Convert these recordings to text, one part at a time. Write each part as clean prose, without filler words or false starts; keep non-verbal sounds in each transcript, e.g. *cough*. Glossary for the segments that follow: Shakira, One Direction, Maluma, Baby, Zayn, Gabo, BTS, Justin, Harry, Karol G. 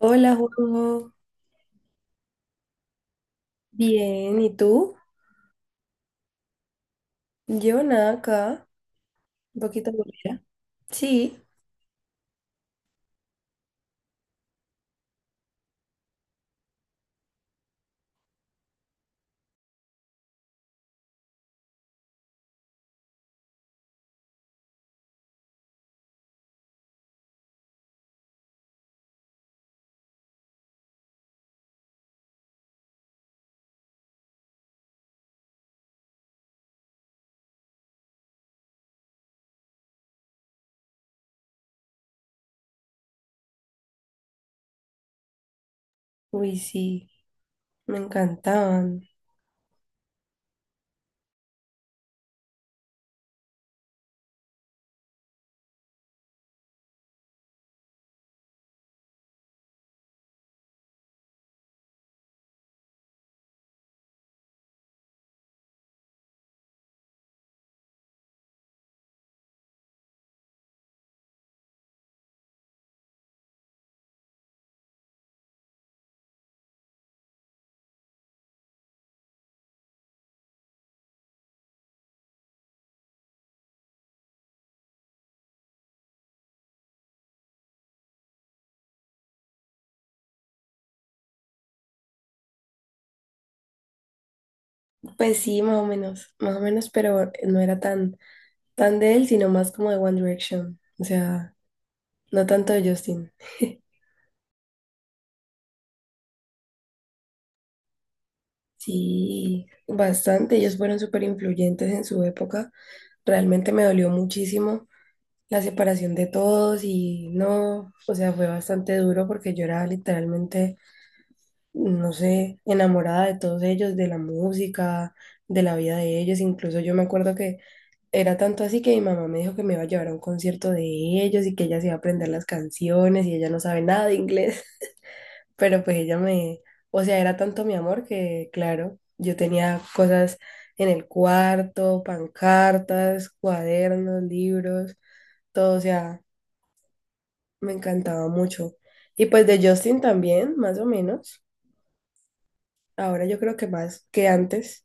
Hola, Juanjo. Bien, ¿y tú? Yo nada acá, un poquito aburrida. Sí, uy, sí, me encantaban. Pues sí, más o menos, pero no era tan de él, sino más como de One Direction. O sea, no tanto de Justin. Sí, bastante, ellos fueron súper influyentes en su época. Realmente me dolió muchísimo la separación de todos y no, o sea, fue bastante duro porque yo era literalmente no sé, enamorada de todos ellos, de la música, de la vida de ellos. Incluso yo me acuerdo que era tanto así que mi mamá me dijo que me iba a llevar a un concierto de ellos y que ella se iba a aprender las canciones y ella no sabe nada de inglés, *laughs* pero pues ella me, o sea, era tanto mi amor que, claro, yo tenía cosas en el cuarto, pancartas, cuadernos, libros, todo, o sea, me encantaba mucho. Y pues de Justin también, más o menos. Ahora yo creo que más que antes.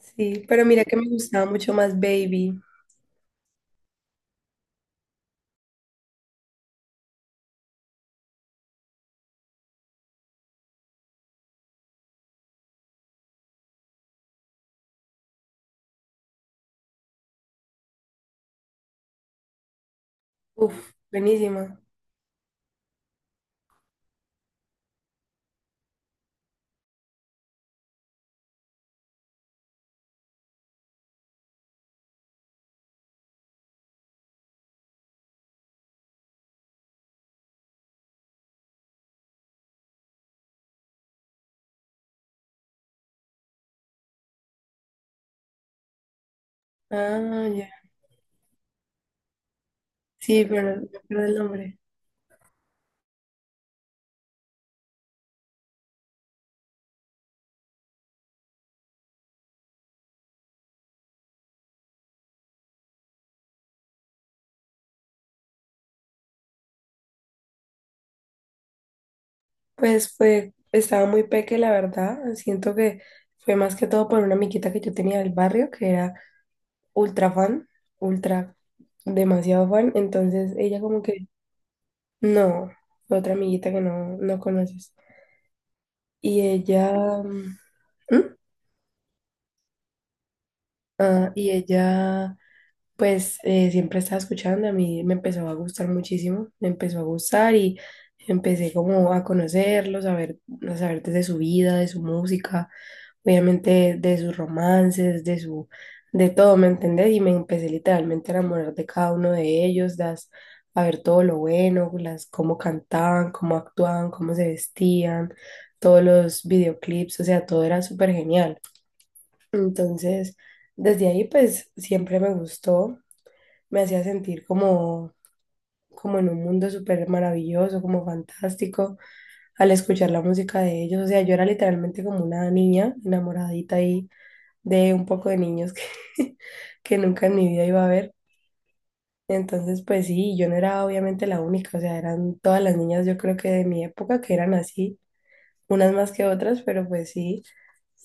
Sí, pero mira que me gustaba mucho más Baby. Uf, buenísima. Ah, ya. Sí, pero no me acuerdo el nombre. Pues fue, estaba muy peque, la verdad. Siento que fue más que todo por una amiguita que yo tenía del barrio, que era ultra fan, ultra, demasiado fan. Entonces ella como que, no, fue otra amiguita que no, no conoces. Y ella, ¿mm? ¿Mm? Ah, y ella pues siempre estaba escuchando, a mí me empezó a gustar muchísimo, me empezó a gustar y empecé como a conocerlos, a ver, a saber desde su vida, de su música, obviamente de sus romances, de su, de todo, ¿me entendés? Y me empecé literalmente a enamorar de cada uno de ellos, las, a ver todo lo bueno, las, cómo cantaban, cómo actuaban, cómo se vestían, todos los videoclips, o sea, todo era súper genial. Entonces, desde ahí pues siempre me gustó, me hacía sentir como, como en un mundo súper maravilloso, como fantástico, al escuchar la música de ellos. O sea, yo era literalmente como una niña enamoradita ahí de un poco de niños que, *laughs* que nunca en mi vida iba a ver. Entonces, pues sí, yo no era obviamente la única, o sea, eran todas las niñas, yo creo que de mi época, que eran así, unas más que otras, pero pues sí,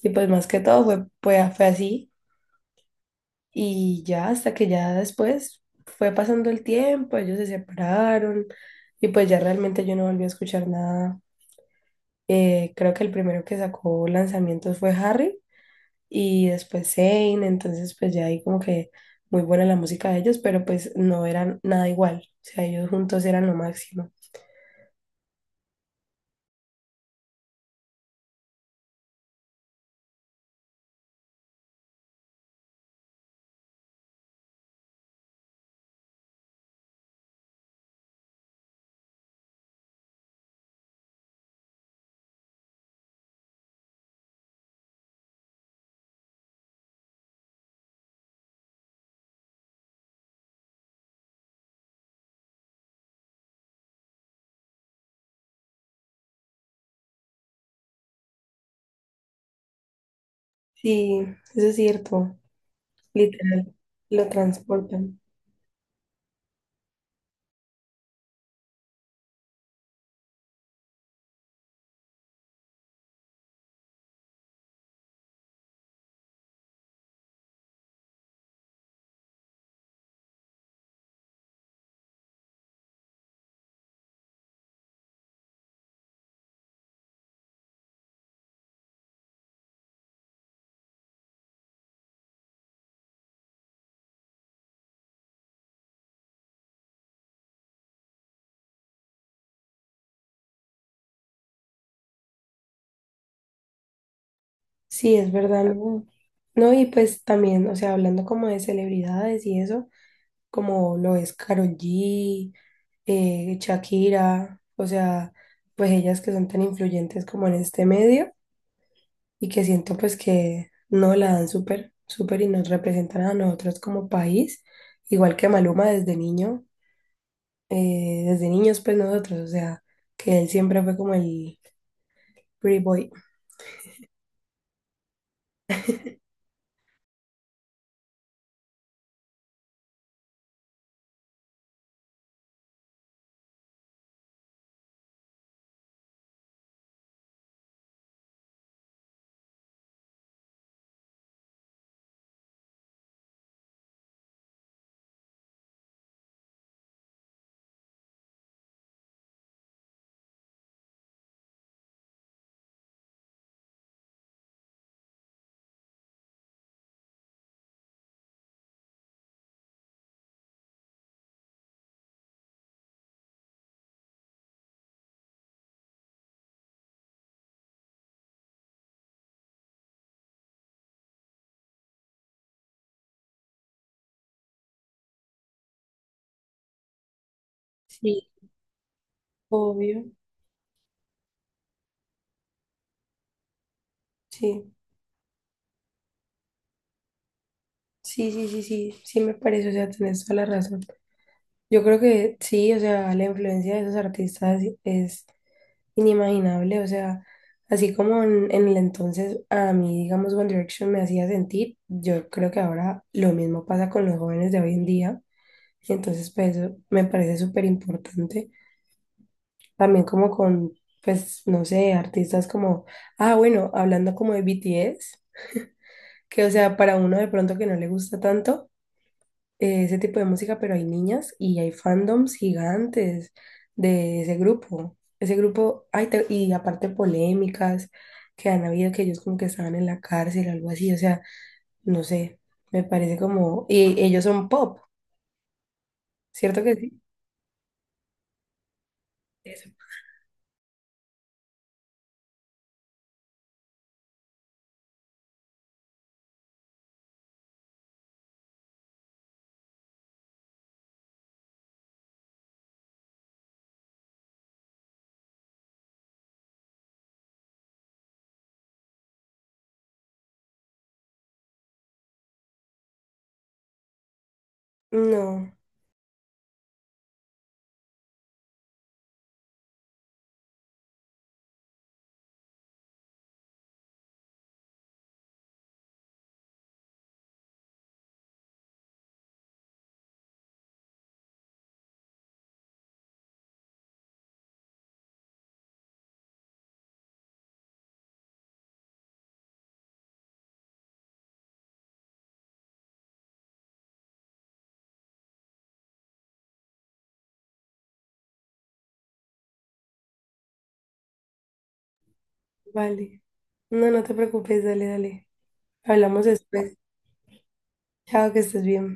y pues más que todo fue así. Y ya hasta que ya después fue pasando el tiempo, ellos se separaron y pues ya realmente yo no volví a escuchar nada. Creo que el primero que sacó lanzamientos fue Harry y después Zayn, entonces pues ya ahí como que muy buena la música de ellos, pero pues no eran nada igual. O sea, ellos juntos eran lo máximo. Sí, eso es cierto, literal, lo transportan. Sí, es verdad, ¿no? No, y pues también, o sea, hablando como de celebridades y eso, como lo es Karol G, Shakira, o sea, pues ellas que son tan influyentes como en este medio y que siento pues que no la dan súper, súper y nos representan a nosotros como país, igual que Maluma desde niño, desde niños pues nosotros, o sea, que él siempre fue como el pretty boy. Sí, obvio, sí. Sí, sí, sí, sí, sí me parece, o sea, tenés toda la razón. Yo creo que sí, o sea, la influencia de esos artistas es inimaginable, o sea, así como en el entonces a mí, digamos, One Direction me hacía sentir, yo creo que ahora lo mismo pasa con los jóvenes de hoy en día, y entonces pues eso me parece súper importante, también como con, pues, no sé, artistas como, ah, bueno, hablando como de BTS, que o sea, para uno de pronto que no le gusta tanto, ese tipo de música, pero hay niñas y hay fandoms gigantes de ese grupo. Ese grupo, ay, te- y aparte polémicas que han habido, que ellos como que estaban en la cárcel o algo así, o sea, no sé, me parece como... Y ellos son pop, ¿cierto que sí? Eso. No, vale. No, no te preocupes, dale, dale. Hablamos después. Chao, que estés bien.